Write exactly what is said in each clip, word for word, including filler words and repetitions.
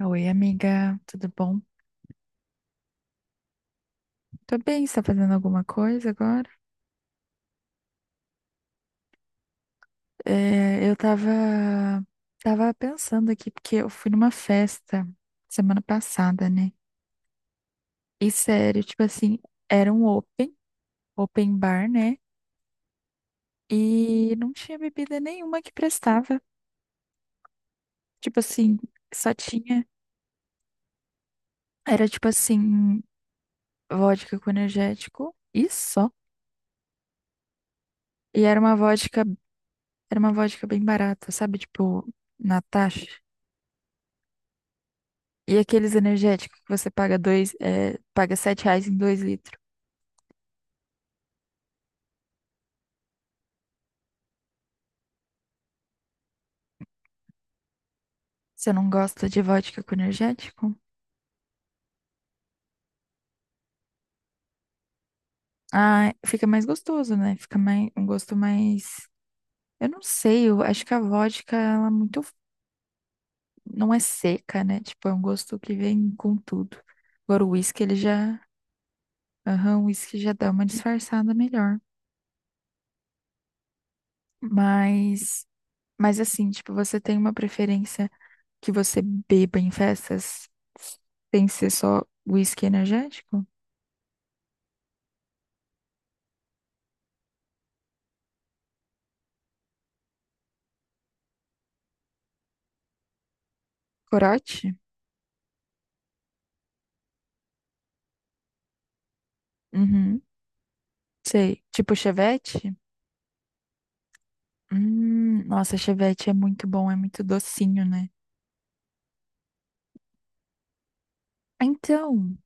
Oi, amiga, tudo bom? Tô bem, você tá fazendo alguma coisa agora? É, eu tava, tava pensando aqui, porque eu fui numa festa semana passada, né? E sério, tipo assim, era um open, open bar, né? E não tinha bebida nenhuma que prestava. Tipo assim, só tinha. Era tipo assim, vodka com energético e só. E era uma vodka, era uma vodka bem barata, sabe? Tipo, Natasha. E aqueles energéticos que você paga dois, é, paga sete reais em dois litros. Você não gosta de vodka com energético? Ah, fica mais gostoso, né? Fica mais, um gosto mais. Eu não sei, eu acho que a vodka, ela é muito. Não é seca, né? Tipo, é um gosto que vem com tudo. Agora o whisky, ele já. Aham, o whisky já dá uma disfarçada melhor. Mas. Mas assim, tipo, você tem uma preferência que você beba em festas sem ser só whisky energético? Corote? Uhum. Sei. Tipo chevette? Hum, nossa, chevette é muito bom, é muito docinho, né? Ah, então,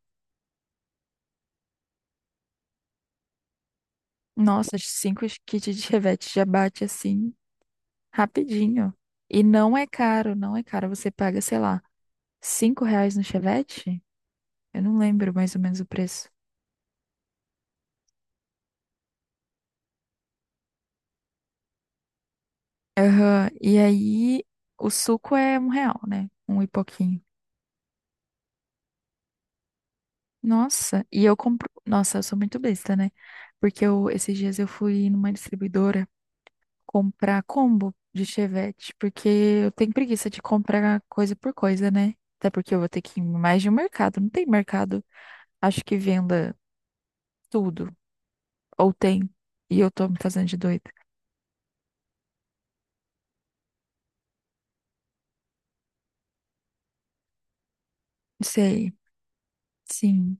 nossa, cinco kits de chevette já bate assim rapidinho. E não é caro, não é caro. Você paga, sei lá, cinco reais no chevette? Eu não lembro mais ou menos o preço. Aham. E aí, o suco é um real, né? Um e pouquinho. Nossa, e eu compro. Nossa, eu sou muito besta, né? Porque eu, esses dias eu fui numa distribuidora. Comprar combo de chevette, porque eu tenho preguiça de comprar coisa por coisa, né? Até porque eu vou ter que ir em mais de um mercado. Não tem mercado, acho que venda tudo. Ou tem. E eu tô me fazendo de doida. Sei, sim.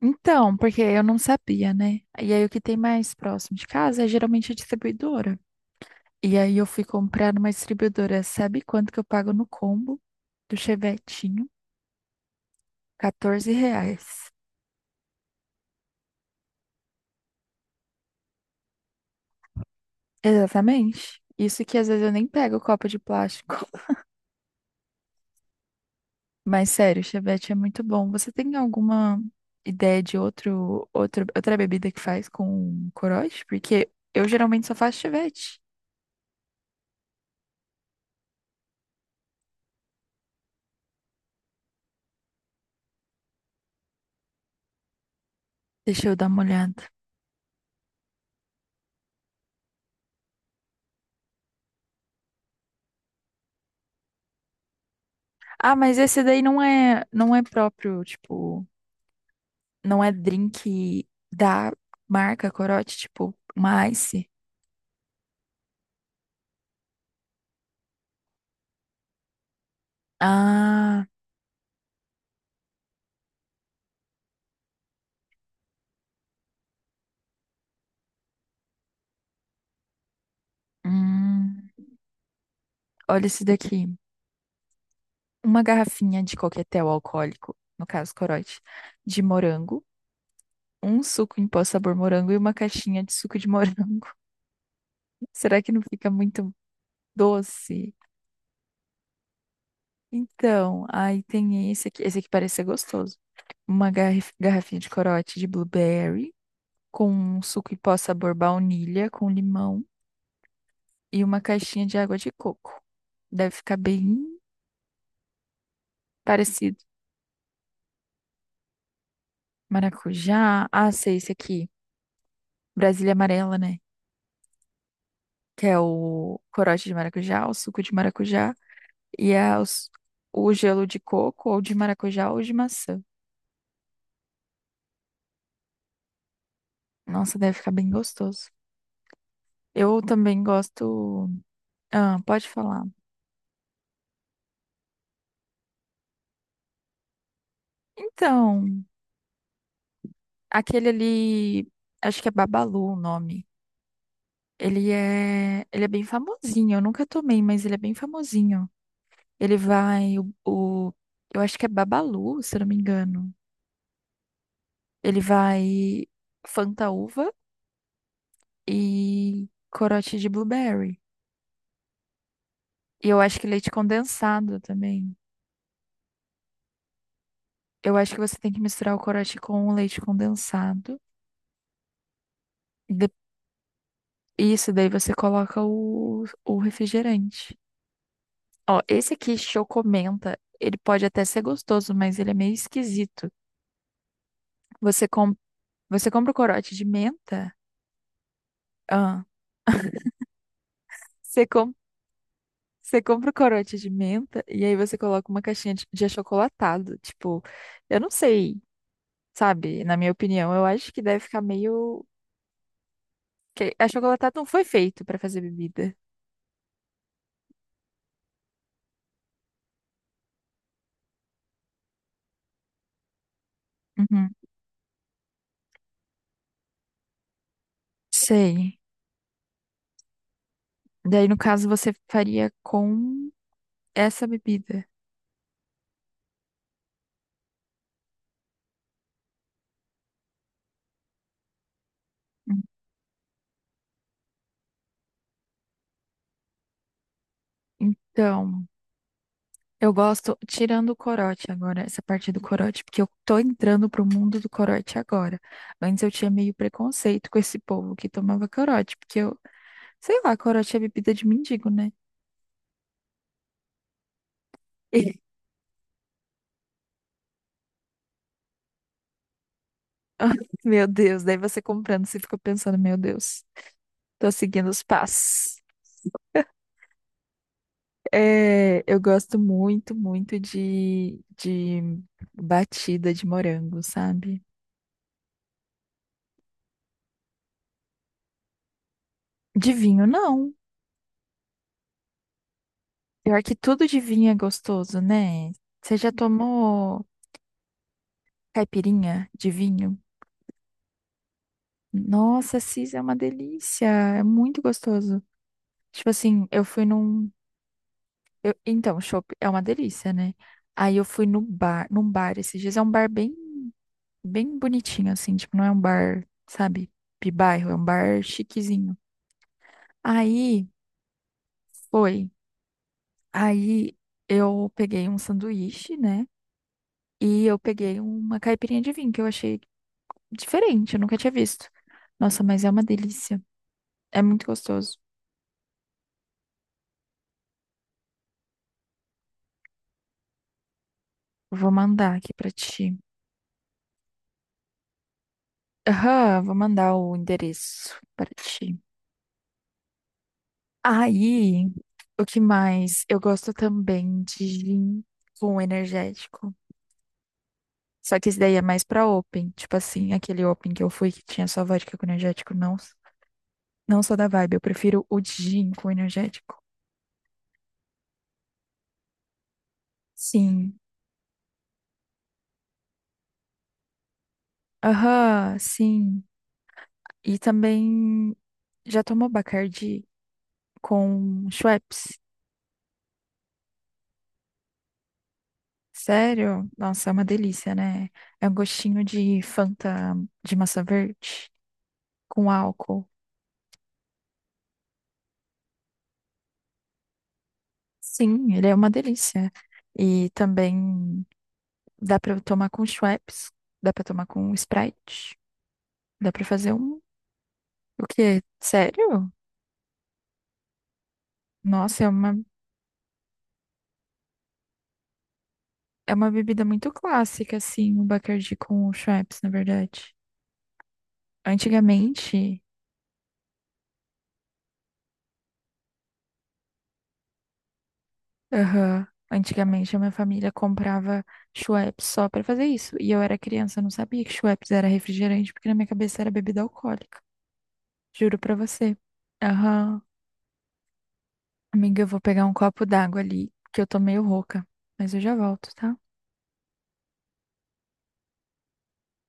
Então, porque eu não sabia, né? E aí o que tem mais próximo de casa é geralmente a distribuidora. E aí eu fui comprar numa distribuidora. Sabe quanto que eu pago no combo do chevetinho? quatorze reais. Exatamente. Isso que às vezes eu nem pego o copo de plástico. Mas sério, chevette é muito bom. Você tem alguma ideia de outro, outro, outra bebida que faz com corote? Porque eu geralmente só faço chevette. Deixa eu dar uma olhada. Ah, mas esse daí não é, não é próprio, tipo, não é drink da marca corote, tipo, uma Ice. Ah, hum, olha esse daqui. Uma garrafinha de coquetel alcoólico, no caso corote, de morango, um suco em pó sabor morango e uma caixinha de suco de morango. Será que não fica muito doce? Então, aí tem esse aqui. Esse aqui parece ser gostoso. Uma garrif- garrafinha de corote de blueberry, com um suco em pó sabor baunilha, com limão e uma caixinha de água de coco. Deve ficar bem parecido. Maracujá. Ah, sei, esse aqui. Brasília amarela, né? Que é o corote de maracujá, o suco de maracujá, e é os- o gelo de coco, ou de maracujá, ou de maçã. Nossa, deve ficar bem gostoso. Eu também gosto. Ah, pode falar. Então, aquele ali, acho que é Babalu o nome. Ele é, ele é bem famosinho. Eu nunca tomei, mas ele é bem famosinho. Ele vai o, o- eu acho que é Babalu, se eu não me engano. Ele vai Fanta uva e corote de blueberry. E eu acho que leite condensado também. Eu acho que você tem que misturar o corote com o leite condensado. E de- Isso, daí você coloca o, o refrigerante. Ó, esse aqui, Chocomenta, ele pode até ser gostoso, mas ele é meio esquisito. Você, com... Você compra o corote de menta? Ah, você, com... você compra o corote de menta e aí você coloca uma caixinha de de achocolatado. Tipo, eu não sei, sabe? Na minha opinião, eu acho que deve ficar meio. Que achocolatado não foi feito pra fazer bebida. Uhum. Sei. Daí, no caso, você faria com essa bebida. Hum. Então, eu gosto, tirando o corote agora, essa parte do corote, porque eu tô entrando pro mundo do corote agora. Antes eu tinha meio preconceito com esse povo que tomava corote, porque eu, sei lá, corote é bebida de mendigo, né? E, meu Deus, daí você comprando, você fica pensando, meu Deus, tô seguindo os passos. É, eu gosto muito, muito de, de batida de morango, sabe? De vinho, não. Pior que tudo de vinho é gostoso, né? Você já tomou caipirinha de vinho? Nossa, Cis, é uma delícia. É muito gostoso. Tipo assim, eu fui num. eu- então, chopp é uma delícia, né? Aí eu fui no bar, num bar esses dias. É um bar bem, bem bonitinho, assim. Tipo, não é um bar, sabe, de bairro, é um bar chiquezinho. Aí. Foi. Aí eu peguei um sanduíche, né? E eu peguei uma caipirinha de vinho que eu achei diferente, eu nunca tinha visto. Nossa, mas é uma delícia. É muito gostoso. Vou mandar aqui pra ti. Aham, vou mandar o endereço para ti. Aí, o que mais? Eu gosto também de gin com energético. Só que esse daí é mais pra open. Tipo assim, aquele open que eu fui que tinha só vodka com energético. Não, não sou da vibe. Eu prefiro o de gin com energético. Sim. Aham, sim. E também já tomou Bacardi com Schweppes? Sério? Nossa, é uma delícia, né? É um gostinho de Fanta de maçã verde com álcool. Sim, ele é uma delícia. E também dá pra tomar com Schweppes, dá pra tomar com Sprite, dá pra fazer um. O quê? Sério? Nossa, é uma, é uma bebida muito clássica, assim, o Bacardi com o Schweppes, na verdade. Antigamente, aham, antigamente a minha família comprava Schweppes só pra fazer isso. E eu era criança, eu não sabia que Schweppes era refrigerante, porque na minha cabeça era bebida alcoólica. Juro pra você. Aham. Amiga, eu vou pegar um copo d'água ali, que eu tô meio rouca. Mas eu já volto, tá?